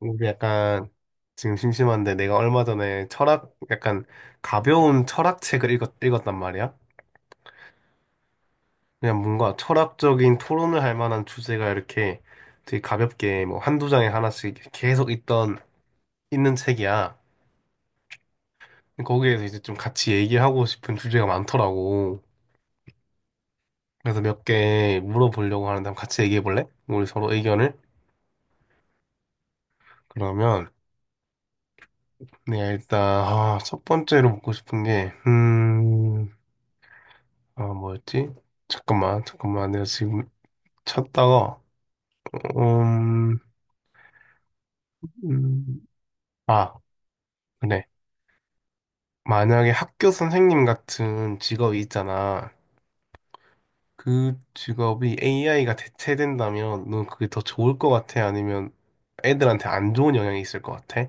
우리 약간 지금 심심한데 내가 얼마 전에 철학 약간 가벼운 철학 책을 읽었단 말이야. 그냥 뭔가 철학적인 토론을 할 만한 주제가 이렇게 되게 가볍게 뭐 한두 장에 하나씩 계속 있던 있는 책이야. 거기에서 이제 좀 같이 얘기하고 싶은 주제가 많더라고. 그래서 몇 개 물어보려고 하는데 한번 같이 얘기해 볼래? 우리 서로 의견을. 그러면 내가 일단 첫 번째로 묻고 싶은 게 뭐였지? 잠깐만, 잠깐만. 내가 지금 찾다가, 음, 음, 아, 그래. 만약에 학교 선생님 같은 직업이 있잖아. 그 직업이 AI가 대체된다면, 넌 그게 더 좋을 것 같아? 아니면 애들한테 안 좋은 영향이 있을 것 같아?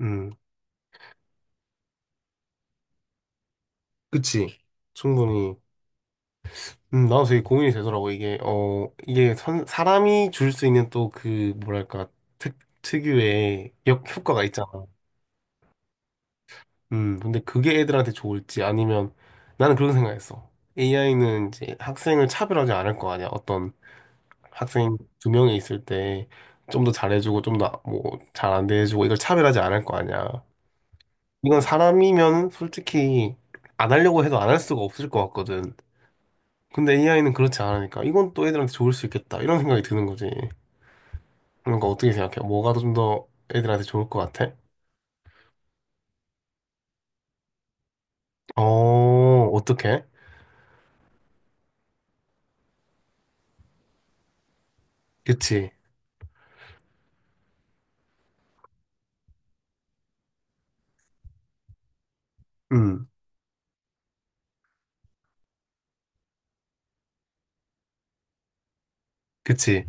음, 그치. 충분히. 나도 되게 고민이 되더라고. 이게, 이게 사람이 줄 수 있는 또 그, 뭐랄까, 특, 특유의 효과가 있잖아. 근데 그게 애들한테 좋을지 아니면 나는 그런 생각했어. AI는 이제 학생을 차별하지 않을 거 아니야. 어떤 학생 두 명이 있을 때 좀 더 잘해주고 좀 더 뭐 잘 안 대해주고 이걸 차별하지 않을 거 아니야. 이건 사람이면 솔직히 안 하려고 해도 안 할 수가 없을 것 같거든. 근데 AI는 그렇지 않으니까 이건 또 애들한테 좋을 수 있겠다. 이런 생각이 드는 거지. 그러니까 어떻게 생각해? 뭐가 좀 더 애들한테 좋을 것 같아? 어, 어떻게? 그치. 음, 그치.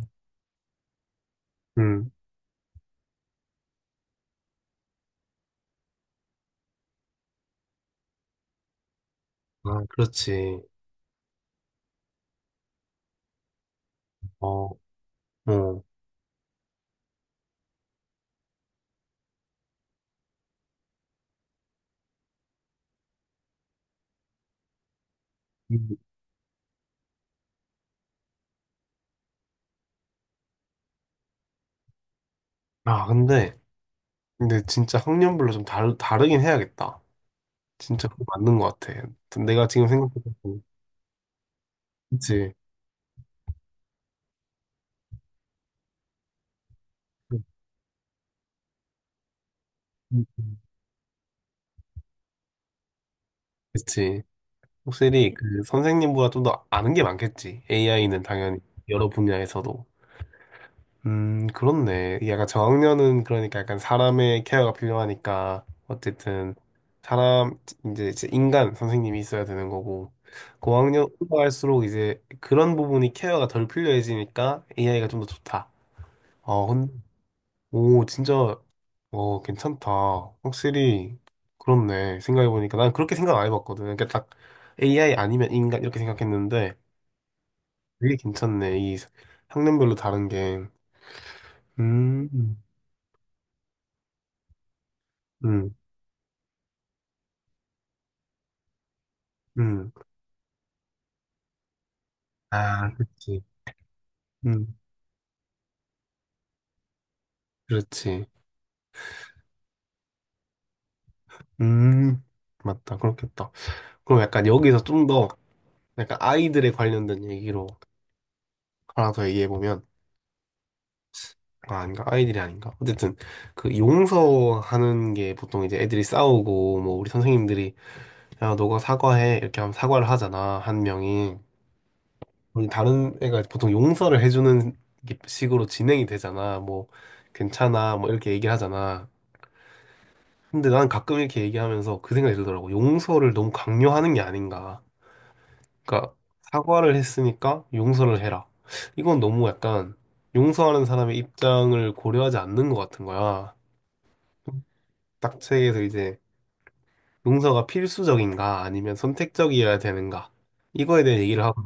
음. 아, 그렇지. 어, 어 음. 아, 근데, 근데 진짜 학년별로 좀 다르긴 해야겠다. 진짜 그거 맞는 것 같아. 내가 지금 생각해보면, 그치. 음, 음, 음. 그치. 확실히 그 선생님보다 좀 더 아는 게 많겠지. AI는 당연히 여러 분야에서도. 그렇네. 이 약간 저학년은 그러니까 약간 사람의 케어가 필요하니까 어쨌든 사람 이제 인간 선생님이 있어야 되는 거고 고학년 올라갈수록 이제 그런 부분이 케어가 덜 필요해지니까 AI가 좀 더 좋다. 어, 근- 오, 진짜 어, 괜찮다. 확실히 그렇네. 생각해 보니까 난 그렇게 생각 안 해봤거든. 그러니까 딱 AI 아니면 인간 이렇게 생각했는데 되게 괜찮네. 이 학년별로 다른 게. 음. 음. 음. 아, 그치. 음. 그렇지. 음. 맞다. 그렇겠다. 그럼 약간 여기서 좀 더 약간 아이들에 관련된 얘기로 하나 더 얘기해 보면 아, 아닌가? 아이들이 아닌가? 어쨌든 그 용서하는 게 보통 이제 애들이 싸우고 뭐 우리 선생님들이 야, 너가 사과해. 이렇게 하면 사과를 하잖아. 한 명이. 우리 다른 애가 보통 용서를 해주는 식으로 진행이 되잖아. 뭐 괜찮아. 뭐 이렇게 얘기를 하잖아. 근데 난 가끔 이렇게 얘기하면서 그 생각이 들더라고. 용서를 너무 강요하는 게 아닌가. 그러니까 사과를 했으니까 용서를 해라. 이건 너무 약간 용서하는 사람의 입장을 고려하지 않는 것 같은 거야. 딱 책에서 이제 용서가 필수적인가 아니면 선택적이어야 되는가. 이거에 대해 얘기를 하고,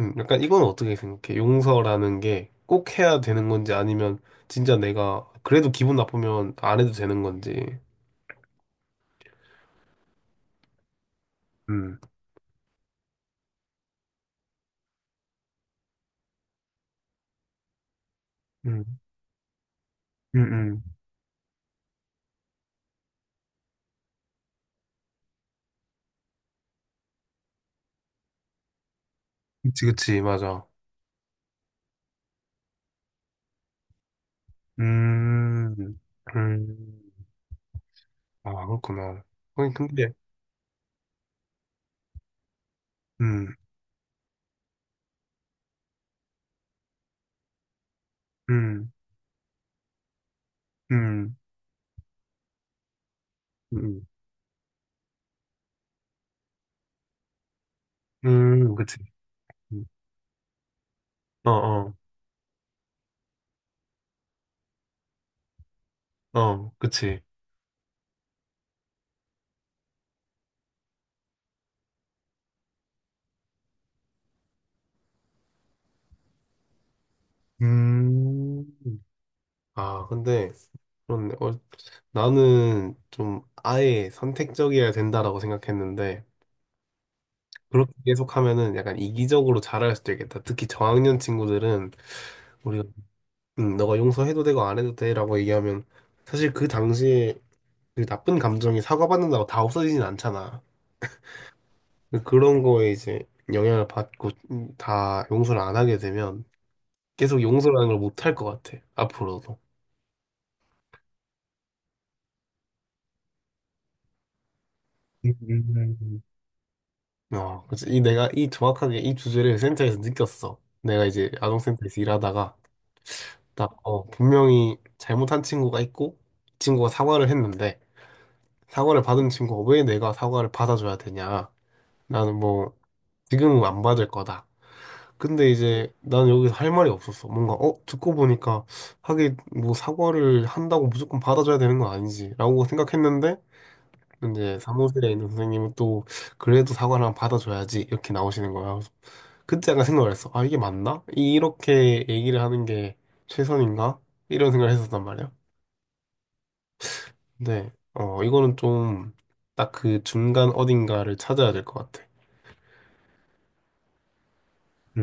약간 이건 어떻게 생각해? 용서라는 게 꼭 해야 되는 건지 아니면 진짜 내가 그래도 기분 나쁘면 안 해도 되는 건지. 음, 음, 음, 음. 그치, 그치, 맞아. 음, 음, 아, 그렇구나. 아니, 근데, 음, 음, 음, 음, 그치. 음, 어, 어, 어, 그치. 음, 아, 근데, 그런데, 나는 좀 아예 선택적이어야 된다라고 생각했는데, 그렇게 계속하면은 약간 이기적으로 자할 수도 있겠다. 특히 저학년 친구들은, 우리가, 너가 용서해도 되고 안 해도 돼라고 얘기하면, 사실 그 당시에 그 나쁜 감정이 사과받는다고 다 없어지진 않잖아. 근데 그런 거에 이제 영향을 받고 다 용서를 안 하게 되면 계속 용서라는 걸 못할 것 같아. 앞으로도. 음. 그래서 이 내가 이 정확하게 이 주제를 센터에서 느꼈어. 내가 이제 아동센터에서 일하다가 딱 분명히 잘못한 친구가 있고 이 친구가 사과를 했는데 사과를 받은 친구가 왜 내가 사과를 받아줘야 되냐? 나는 뭐 지금은 안 받을 거다. 근데 이제 난 여기서 할 말이 없었어. 뭔가 듣고 보니까 하긴 뭐 사과를 한다고 무조건 받아줘야 되는 건 아니지라고 생각했는데 이제 사무실에 있는 선생님은 또 그래도 사과를 한번 받아줘야지 이렇게 나오시는 거야. 그래서 그때 약간 생각을 했어. 아 이게 맞나? 이렇게 얘기를 하는 게 최선인가? 이런 생각을 했었단 말이야. 근데 이거는 좀 딱 그 중간 어딘가를 찾아야 될 것 같아. 음,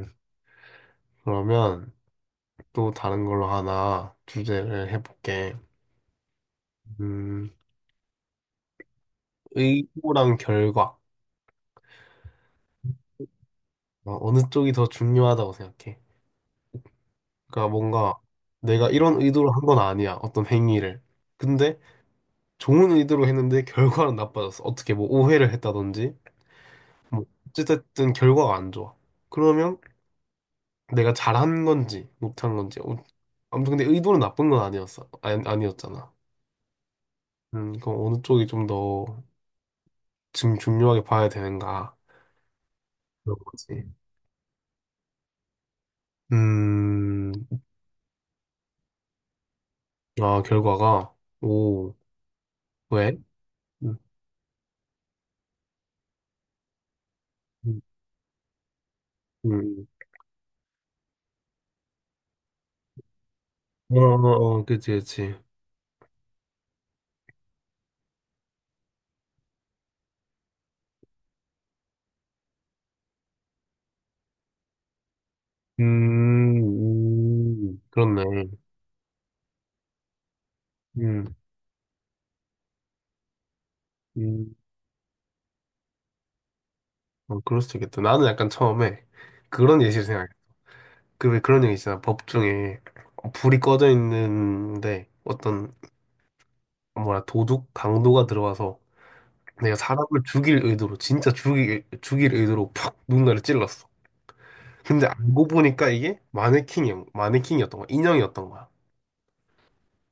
음. 그러면 또 다른 걸로 하나 주제를 해볼게. 음, 의도랑 결과. 어느 쪽이 더 중요하다고 생각해. 그러니까 뭔가 내가 이런 의도로 한 건 아니야. 어떤 행위를. 근데 좋은 의도로 했는데 결과는 나빠졌어. 어떻게 뭐 오해를 했다든지. 뭐 어쨌든 결과가 안 좋아. 그러면 내가 잘한 건지 못한 건지. 어, 아무튼 근데 의도는 나쁜 건 아니었어. 아니, 아니었잖아. 그럼 어느 쪽이 좀 더 지금 중요하게 봐야 되는가. 그런 거지. 음, 아, 결과가. 오, 왜? 음, 음, 음. 어, 어, 어, 그치, 그치. 그렇네. 음, 음, 그럴 수도 있겠다. 나는 약간 처음에 그런 예시를 생각해. 그, 왜 그런 얘기 있잖아. 법 중에 불이 꺼져 있는데 어떤, 뭐라, 도둑, 강도가 들어와서 내가 사람을 죽일 의도로, 진짜 죽일 의도로 팍 누군가를 찔렀어. 근데 알고 보니까 이게 마네킹이었던 거야. 인형이었던 거야.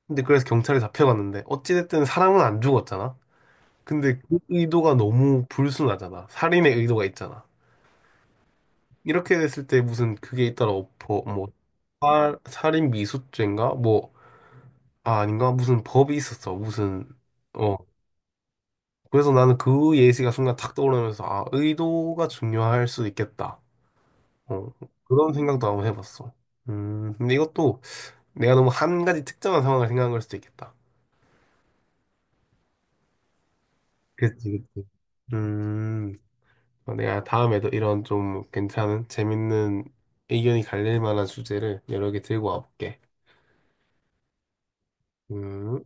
근데 그래서 경찰에 잡혀갔는데 어찌됐든 사람은 안 죽었잖아. 근데 그 의도가 너무 불순하잖아. 살인의 의도가 있잖아. 이렇게 됐을 때 무슨 그게 있더라 법 뭐, 살인 미수죄인가? 뭐, 아, 아닌가? 무슨 법이 있었어. 무슨, 어. 그래서 나는 그 예시가 순간 탁 떠오르면서, 아, 의도가 중요할 수 있겠다. 어. 그런 생각도 한번 해봤어. 근데 이것도 내가 너무 한 가지 특정한 상황을 생각한 걸 수도 있겠다. 그치, 그치. 음. 내가 다음에도 이런 좀 괜찮은, 재밌는 의견이 갈릴 만한 주제를 여러 개 들고 와볼게. 음.